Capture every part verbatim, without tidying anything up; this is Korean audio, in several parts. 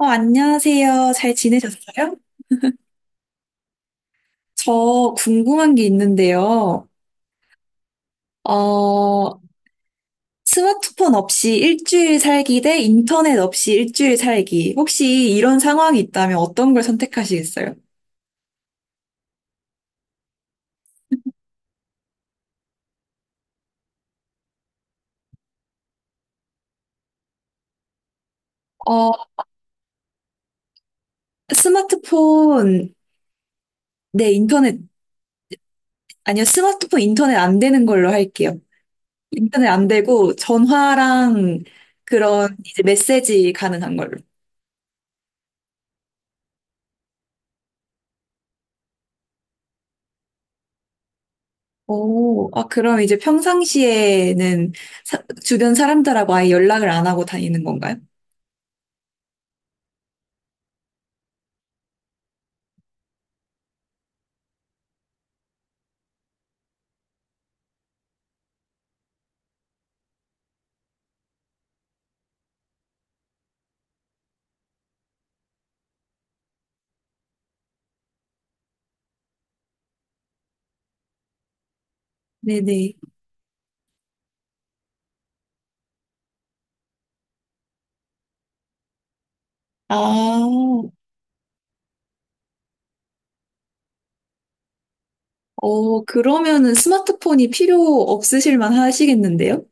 어, 안녕하세요. 잘 지내셨어요? 저 궁금한 게 있는데요. 어, 스마트폰 없이 일주일 살기 대 인터넷 없이 일주일 살기. 혹시 이런 상황이 있다면 어떤 걸 선택하시겠어요? 어, 스마트폰, 네, 인터넷, 아니요, 스마트폰 인터넷 안 되는 걸로 할게요. 인터넷 안 되고 전화랑 그런 이제 메시지 가능한 걸로. 오, 아, 그럼 이제 평상시에는 사- 주변 사람들하고 아예 연락을 안 하고 다니는 건가요? 네네. 아, 어, 그러면은 스마트폰이 필요 없으실만 하시겠는데요?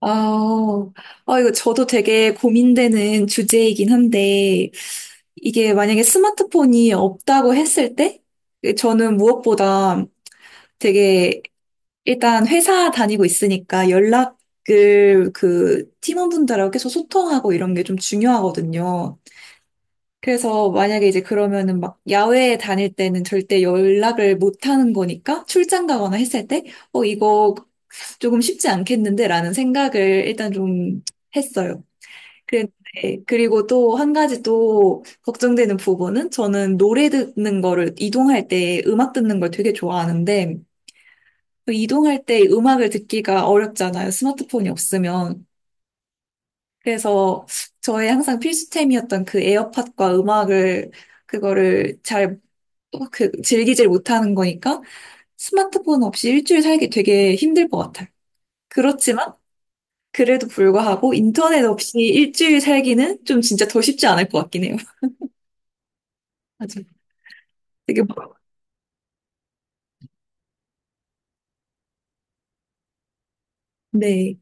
아, 아, 이거 저도 되게 고민되는 주제이긴 한데, 이게 만약에 스마트폰이 없다고 했을 때, 저는 무엇보다 되게 일단 회사 다니고 있으니까 연락을 그 팀원분들하고 계속 소통하고 이런 게 좀 중요하거든요. 그래서 만약에 이제 그러면은 막 야외에 다닐 때는 절대 연락을 못 하는 거니까 출장 가거나 했을 때, 어, 이거 조금 쉽지 않겠는데 라는 생각을 일단 좀 했어요. 그랬- 네. 그리고 또 한 가지 또 걱정되는 부분은 저는 노래 듣는 거를 이동할 때 음악 듣는 걸 되게 좋아하는데 그 이동할 때 음악을 듣기가 어렵잖아요. 스마트폰이 없으면. 그래서 저의 항상 필수템이었던 그 에어팟과 음악을, 그거를 잘, 그, 즐기질 못하는 거니까 스마트폰 없이 일주일 살기 되게 힘들 것 같아요. 그렇지만, 그래도 불구하고 인터넷 없이 일주일 살기는 좀 진짜 더 쉽지 않을 것 같긴 해요. 맞아요. 되게, 뭐- 네.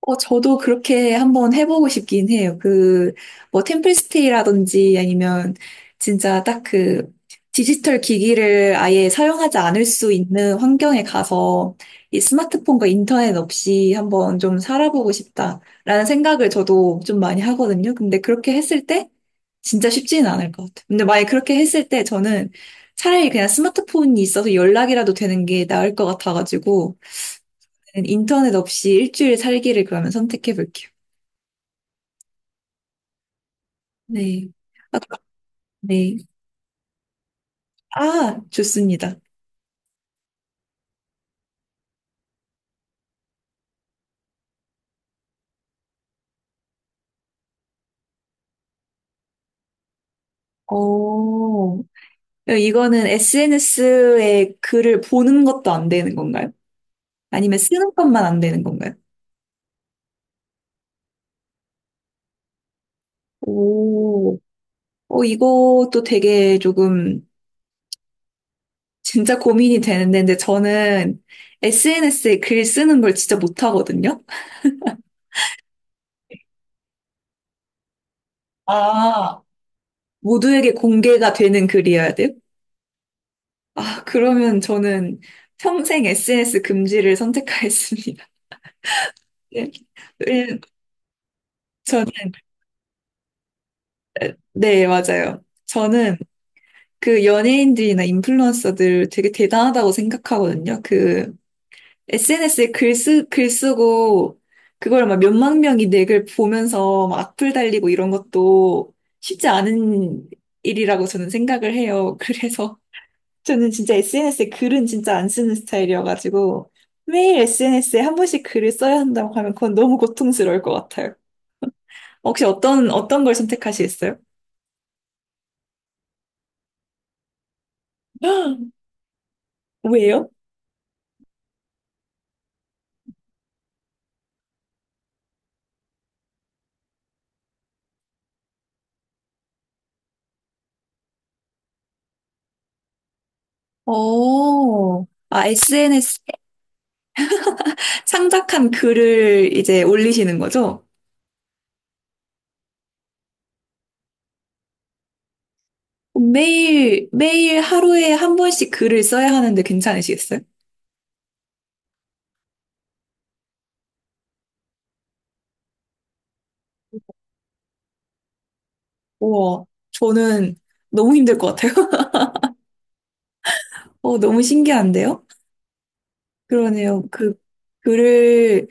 어, 저도 그렇게 한번 해보고 싶긴 해요. 그, 뭐, 템플스테이라든지 아니면 진짜 딱 그, 디지털 기기를 아예 사용하지 않을 수 있는 환경에 가서 이 스마트폰과 인터넷 없이 한번 좀 살아보고 싶다라는 생각을 저도 좀 많이 하거든요. 근데 그렇게 했을 때 진짜 쉽지는 않을 것 같아요. 근데 만약에 그렇게 했을 때 저는 차라리 그냥 스마트폰이 있어서 연락이라도 되는 게 나을 것 같아가지고 인터넷 없이 일주일 살기를 그러면 선택해 볼게요. 네. 아, 네. 아, 좋습니다. 오. 이거는 에스엔에스에 글을 보는 것도 안 되는 건가요? 아니면 쓰는 것만 안 되는 건가요? 오, 어, 이것도 되게 조금 진짜 고민이 되는데, 근데 저는 에스엔에스에 글 쓰는 걸 진짜 못하거든요. 아. 모두에게 공개가 되는 글이어야 돼요? 아, 그러면 저는 평생 에스엔에스 금지를 선택하겠습니다. 네. 왜냐면 저는, 네, 맞아요. 저는 그 연예인들이나 인플루언서들 되게 대단하다고 생각하거든요. 그 에스엔에스에 글 쓰, 글 쓰고 그걸 막 몇만 명이 내 글 보면서 막 악플 달리고 이런 것도 쉽지 않은 일이라고 저는 생각을 해요. 그래서 저는 진짜 에스엔에스에 글은 진짜 안 쓰는 스타일이어가지고 매일 에스엔에스에 한 번씩 글을 써야 한다고 하면 그건 너무 고통스러울 것 같아요. 혹시 어떤 어떤 걸 선택하시겠어요? 왜요? 어, 아, 에스엔에스 창작한 글을 이제 올리시는 거죠? 매일 매일 하루에 한 번씩 글을 써야 하는데 괜찮으시겠어요? 우와, 저는 너무 힘들 것 같아요. 어, 너무 신기한데요? 그러네요. 그 글을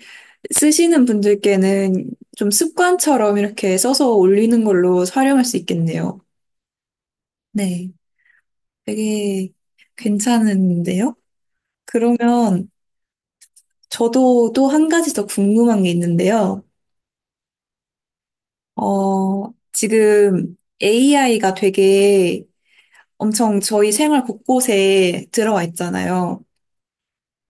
쓰시는 분들께는 좀 습관처럼 이렇게 써서 올리는 걸로 활용할 수 있겠네요. 네. 되게 괜찮은데요? 그러면 저도 또 한 가지 더 궁금한 게 있는데요. 어, 지금 에이아이가 되게 엄청 저희 생활 곳곳에 들어와 있잖아요.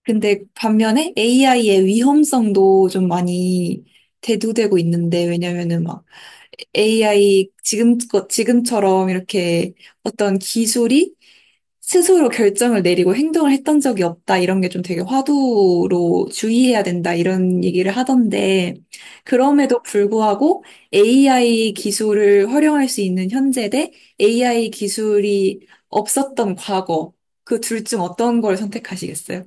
근데 반면에 에이아이의 위험성도 좀 많이 대두되고 있는데, 왜냐면은 막 에이아이 지금, 지금처럼 이렇게 어떤 기술이 스스로 결정을 내리고 행동을 했던 적이 없다. 이런 게 좀 되게 화두로 주의해야 된다. 이런 얘기를 하던데, 그럼에도 불구하고 에이아이 기술을 활용할 수 있는 현재 대 에이아이 기술이 없었던 과거, 그 둘 중 어떤 걸 선택하시겠어요?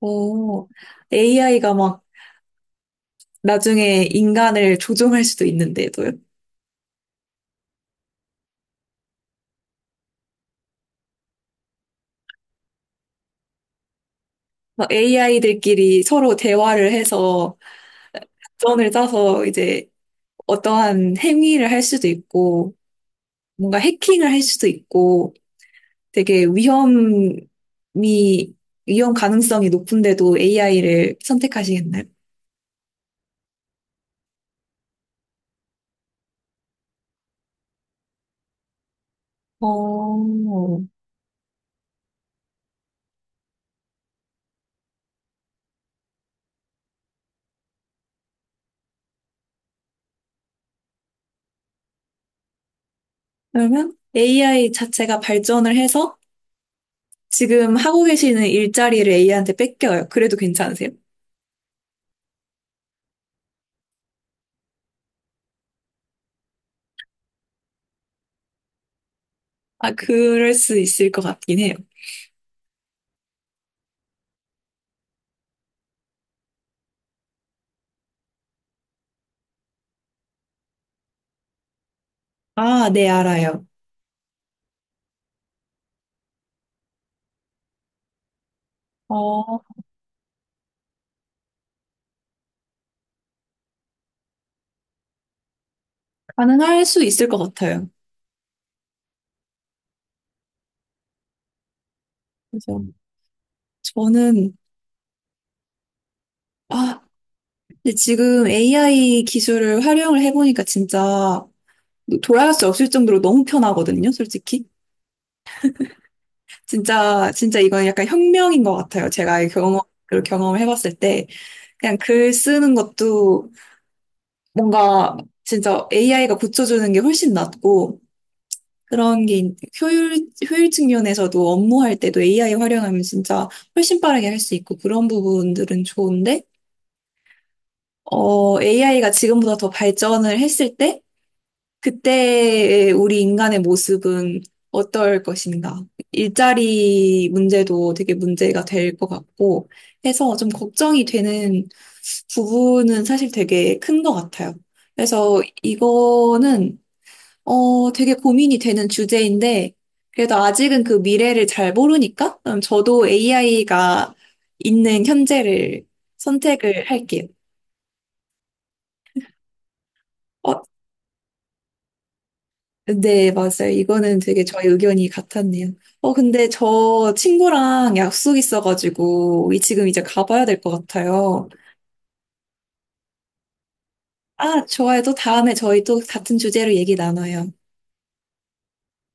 오, 에이아이가 막 나중에 인간을 조종할 수도 있는데도요. 막 에이아이들끼리 서로 대화를 해서 전을 짜서 이제 어떠한 행위를 할 수도 있고, 뭔가 해킹을 할 수도 있고, 되게 위험이, 위험 가능성이 높은데도 에이아이를 선택하시겠나요? 어, 그러면 에이아이 자체가 발전을 해서 지금 하고 계시는 일자리를 에이아이한테 뺏겨요. 그래도 괜찮으세요? 아, 그럴 수 있을 것 같긴 해요. 아, 네, 알아요. 어, 가능할 수 있을 것 같아요. 그서 저는, 아, 근데 지금 에이아이 기술을 활용을 해보니까 진짜 돌아갈 수 없을 정도로 너무 편하거든요, 솔직히. 진짜, 진짜 이건 약간 혁명인 것 같아요. 제가 경험, 그 경험을 해봤을 때. 그냥 글 쓰는 것도 뭔가 진짜 에이아이가 고쳐주는 게 훨씬 낫고, 그런 게 있- 효율, 효율적 면에서도 업무할 때도 에이아이 활용하면 진짜 훨씬 빠르게 할 수 있고, 그런 부분들은 좋은데, 어, 에이아이가 지금보다 더 발전을 했을 때, 그때의 우리 인간의 모습은 어떨 것인가. 일자리 문제도 되게 문제가 될 것 같고 해서 좀 걱정이 되는 부분은 사실 되게 큰 것 같아요. 그래서 이거는, 어, 되게 고민이 되는 주제인데, 그래도 아직은 그 미래를 잘 모르니까, 그럼 저도 에이아이가 있는 현재를 선택을 할게요. 어, 네, 맞아요. 이거는 되게 저희 의견이 같았네요. 어, 근데 저 친구랑 약속 있어가지고, 이- 지금 이제 가봐야 될 것 같아요. 아, 좋아요. 또 다음에 저희 또 같은 주제로 얘기 나눠요.